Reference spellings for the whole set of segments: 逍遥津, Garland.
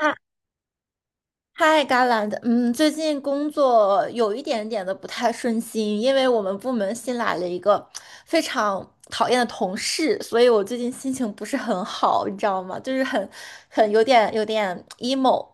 嗨嗨，Garland，最近工作有一点点的不太顺心，因为我们部门新来了一个非常讨厌的同事，所以我最近心情不是很好，你知道吗？就是很有点emo。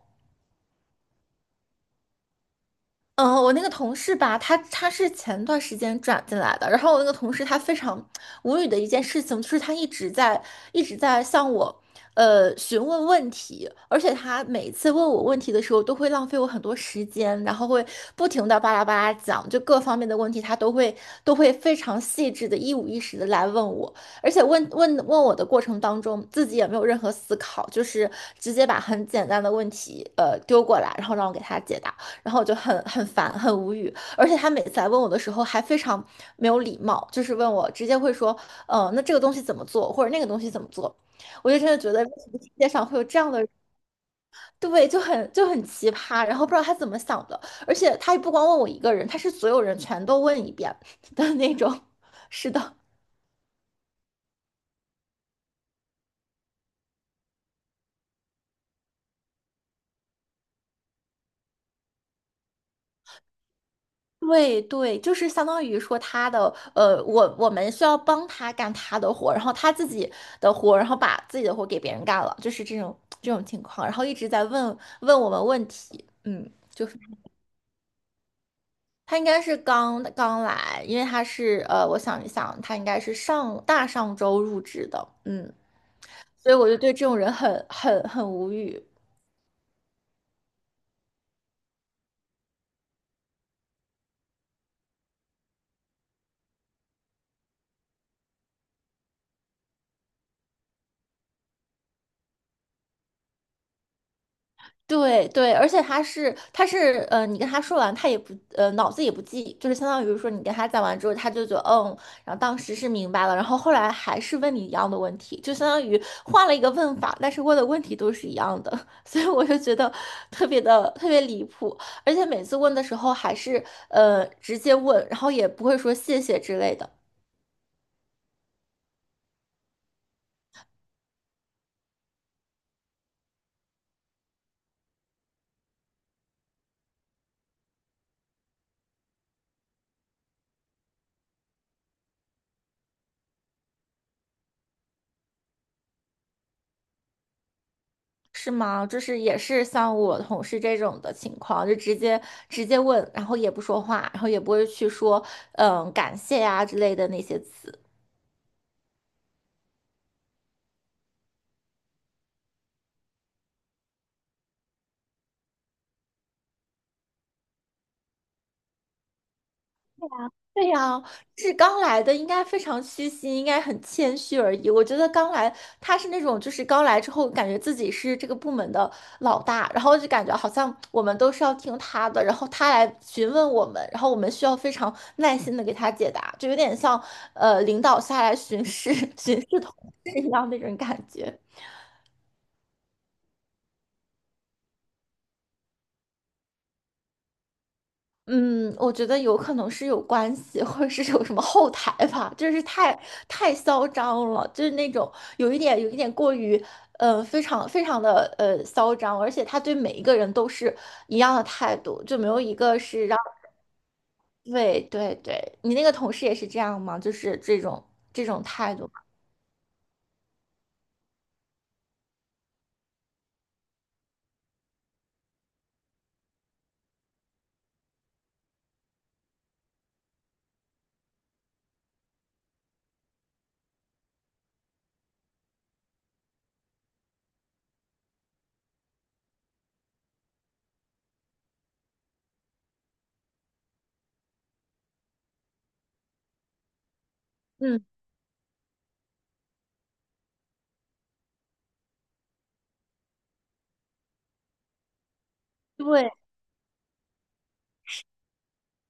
嗯，我那个同事吧，他是前段时间转进来的，然后我那个同事他非常无语的一件事情，就是他一直在向我询问问题，而且他每次问我问题的时候，都会浪费我很多时间，然后会不停的巴拉巴拉讲，就各方面的问题，他都会都会非常细致的一五一十的来问我，而且问我的过程当中，自己也没有任何思考，就是直接把很简单的问题丢过来，然后让我给他解答。然后我就很烦，很无语，而且他每次来问我的时候还非常没有礼貌，就是问我直接会说，那这个东西怎么做，或者那个东西怎么做，我就真的觉得为什么世界上会有这样的人。对，就很奇葩，然后不知道他怎么想的，而且他也不光问我一个人，他是所有人全都问一遍的那种，是的。对对，就是相当于说他的我们需要帮他干他的活，然后他自己的活，然后把自己的活给别人干了，就是这种情况，然后一直在问我们问题。嗯，他应该是刚刚来，因为他是我想一想，他应该是上周入职的。嗯，所以我就对这种人很很无语。对对，而且他是你跟他说完，他也不脑子也不记，就是相当于说你跟他讲完之后，他就觉得嗯，然后当时是明白了，然后后来还是问你一样的问题，就相当于换了一个问法，但是问的问题都是一样的，所以我就觉得特别离谱，而且每次问的时候还是直接问，然后也不会说谢谢之类的。是吗？就是也是像我同事这种的情况，就直接问，然后也不说话，然后也不会去说感谢呀、之类的那些词。对呀，就是刚来的，应该非常虚心，应该很谦虚而已。我觉得刚来，他是那种就是刚来之后，感觉自己是这个部门的老大，然后就感觉好像我们都是要听他的，然后他来询问我们，然后我们需要非常耐心的给他解答，就有点像领导下来巡视 巡视同事一样那种感觉。嗯，我觉得有可能是有关系，或者是有什么后台吧，就是太嚣张了，就是那种有一点过于，非常非常的嚣张，而且他对每一个人都是一样的态度，就没有一个是让。对。你那个同事也是这样吗？就是这种态度吗？嗯，对。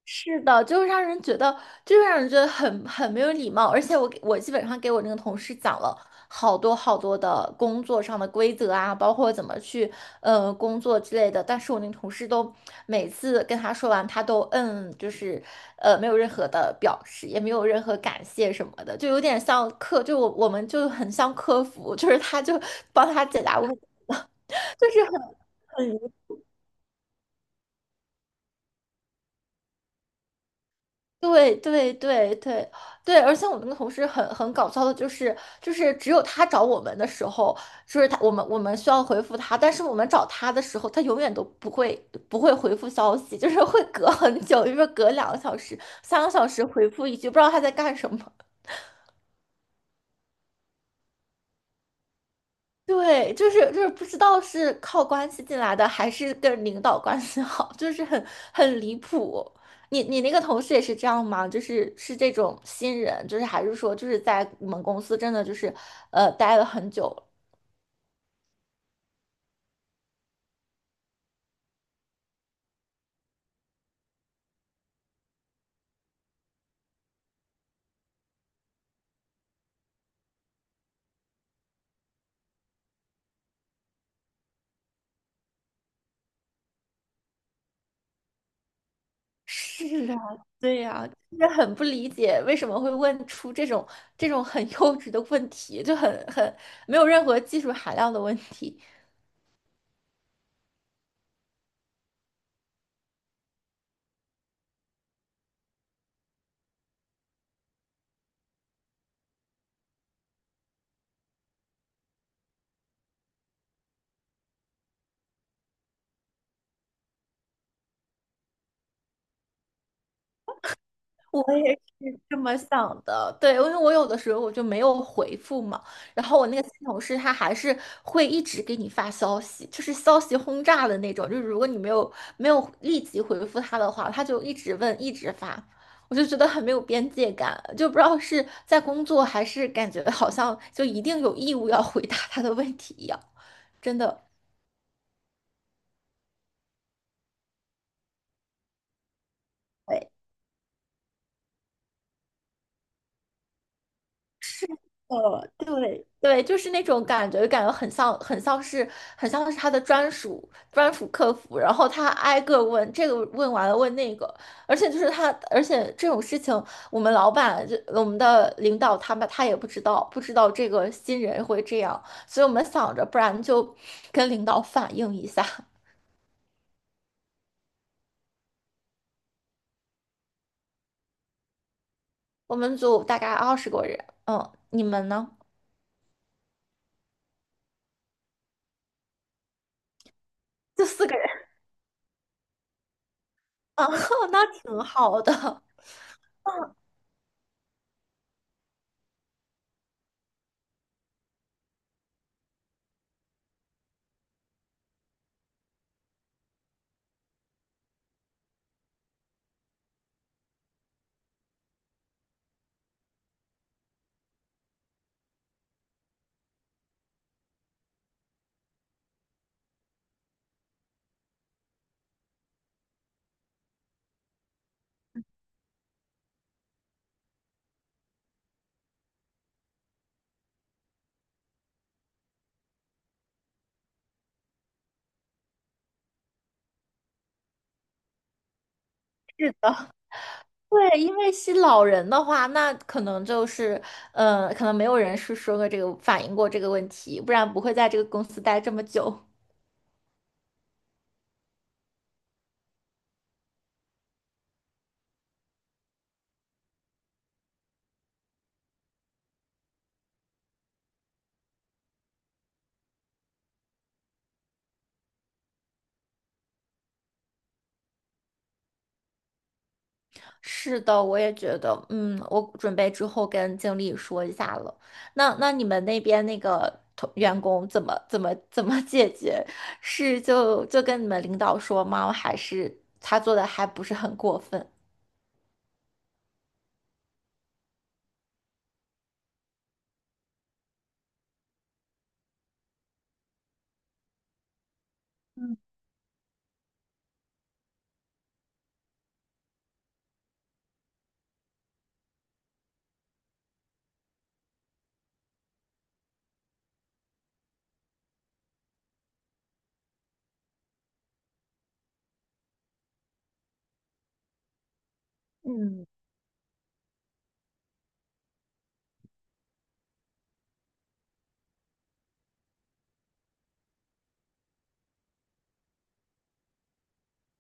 是的，就是让人觉得很没有礼貌。而且我给我基本上给我那个同事讲了好多的工作上的规则啊，包括怎么去工作之类的。但是我那个同事都每次跟他说完，他都嗯，就是没有任何的表示，也没有任何感谢什么的，就有点像客，就我们就很像客服，就是他就帮他解答问题，就是很。对对对对对，而且我们那个同事很搞笑的，就是只有他找我们的时候，就是他我们需要回复他，但是我们找他的时候，他永远都不会回复消息，就是会隔很久，就是隔2个小时、3个小时回复一句，不知道他在干什么。对，就是不知道是靠关系进来的，还是跟领导关系好，就是很离谱。你那个同事也是这样吗？就是是这种新人，就是还是说就是在你们公司真的就是待了很久了。是啊，对呀，就是很不理解为什么会问出这种很 幼稚的问题，就很没有任何技术含量的问题。我也是这么想的，对，因为我有的时候我就没有回复嘛，然后我那个新同事他还是会一直给你发消息，就是消息轰炸的那种，就是如果你没有立即回复他的话，他就一直问，一直发，我就觉得很没有边界感，就不知道是在工作还是感觉好像就一定有义务要回答他的问题一样，真的。是的，对对，就是那种感觉，感觉很像，很像是他的专属客服，然后他挨个问这个，问完了问那个，而且就是他，而且这种事情，我们老板就我们的领导他们他也不知道，不知道这个新人会这样，所以我们想着，不然就跟领导反映一下。我们组大概20个人。嗯，你们呢？就4个人，啊，那挺好的，是的。对，因为吸老人的话，那可能就是，可能没有人是说过这个反映过这个问题，不然不会在这个公司待这么久。是的，我也觉得。嗯，我准备之后跟经理说一下了。那那你们那边那个同员工怎么解决？是就跟你们领导说吗？还是他做的还不是很过分？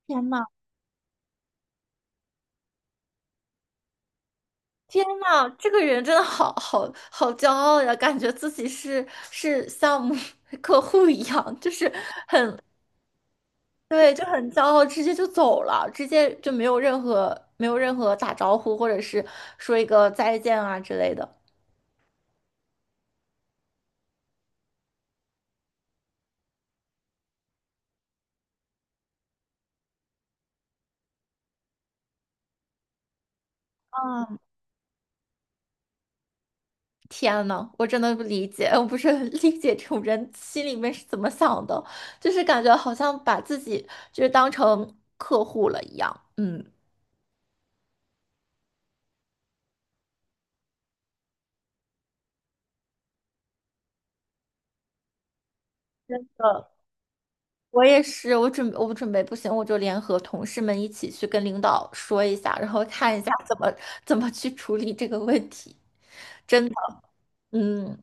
天呐！天呐，这个人真的好骄傲呀，感觉自己是是像 客户一样，就是对，就很骄傲，直接就走了，直接就没有任何打招呼，或者是说一个再见啊之类的。嗯，天呐，我真的不理解，我不是很 理解这种人心里面是怎么想的，就是感觉好像把自己就是当成客户了一样。嗯。真的。我也是，我准备不行，我就联合同事们一起去跟领导说一下，然后看一下怎么去处理这个问题。真的。嗯，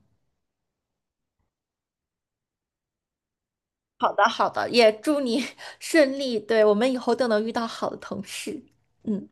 好的好的，也祝你 顺利。对，我们以后都能遇到好的同事。嗯。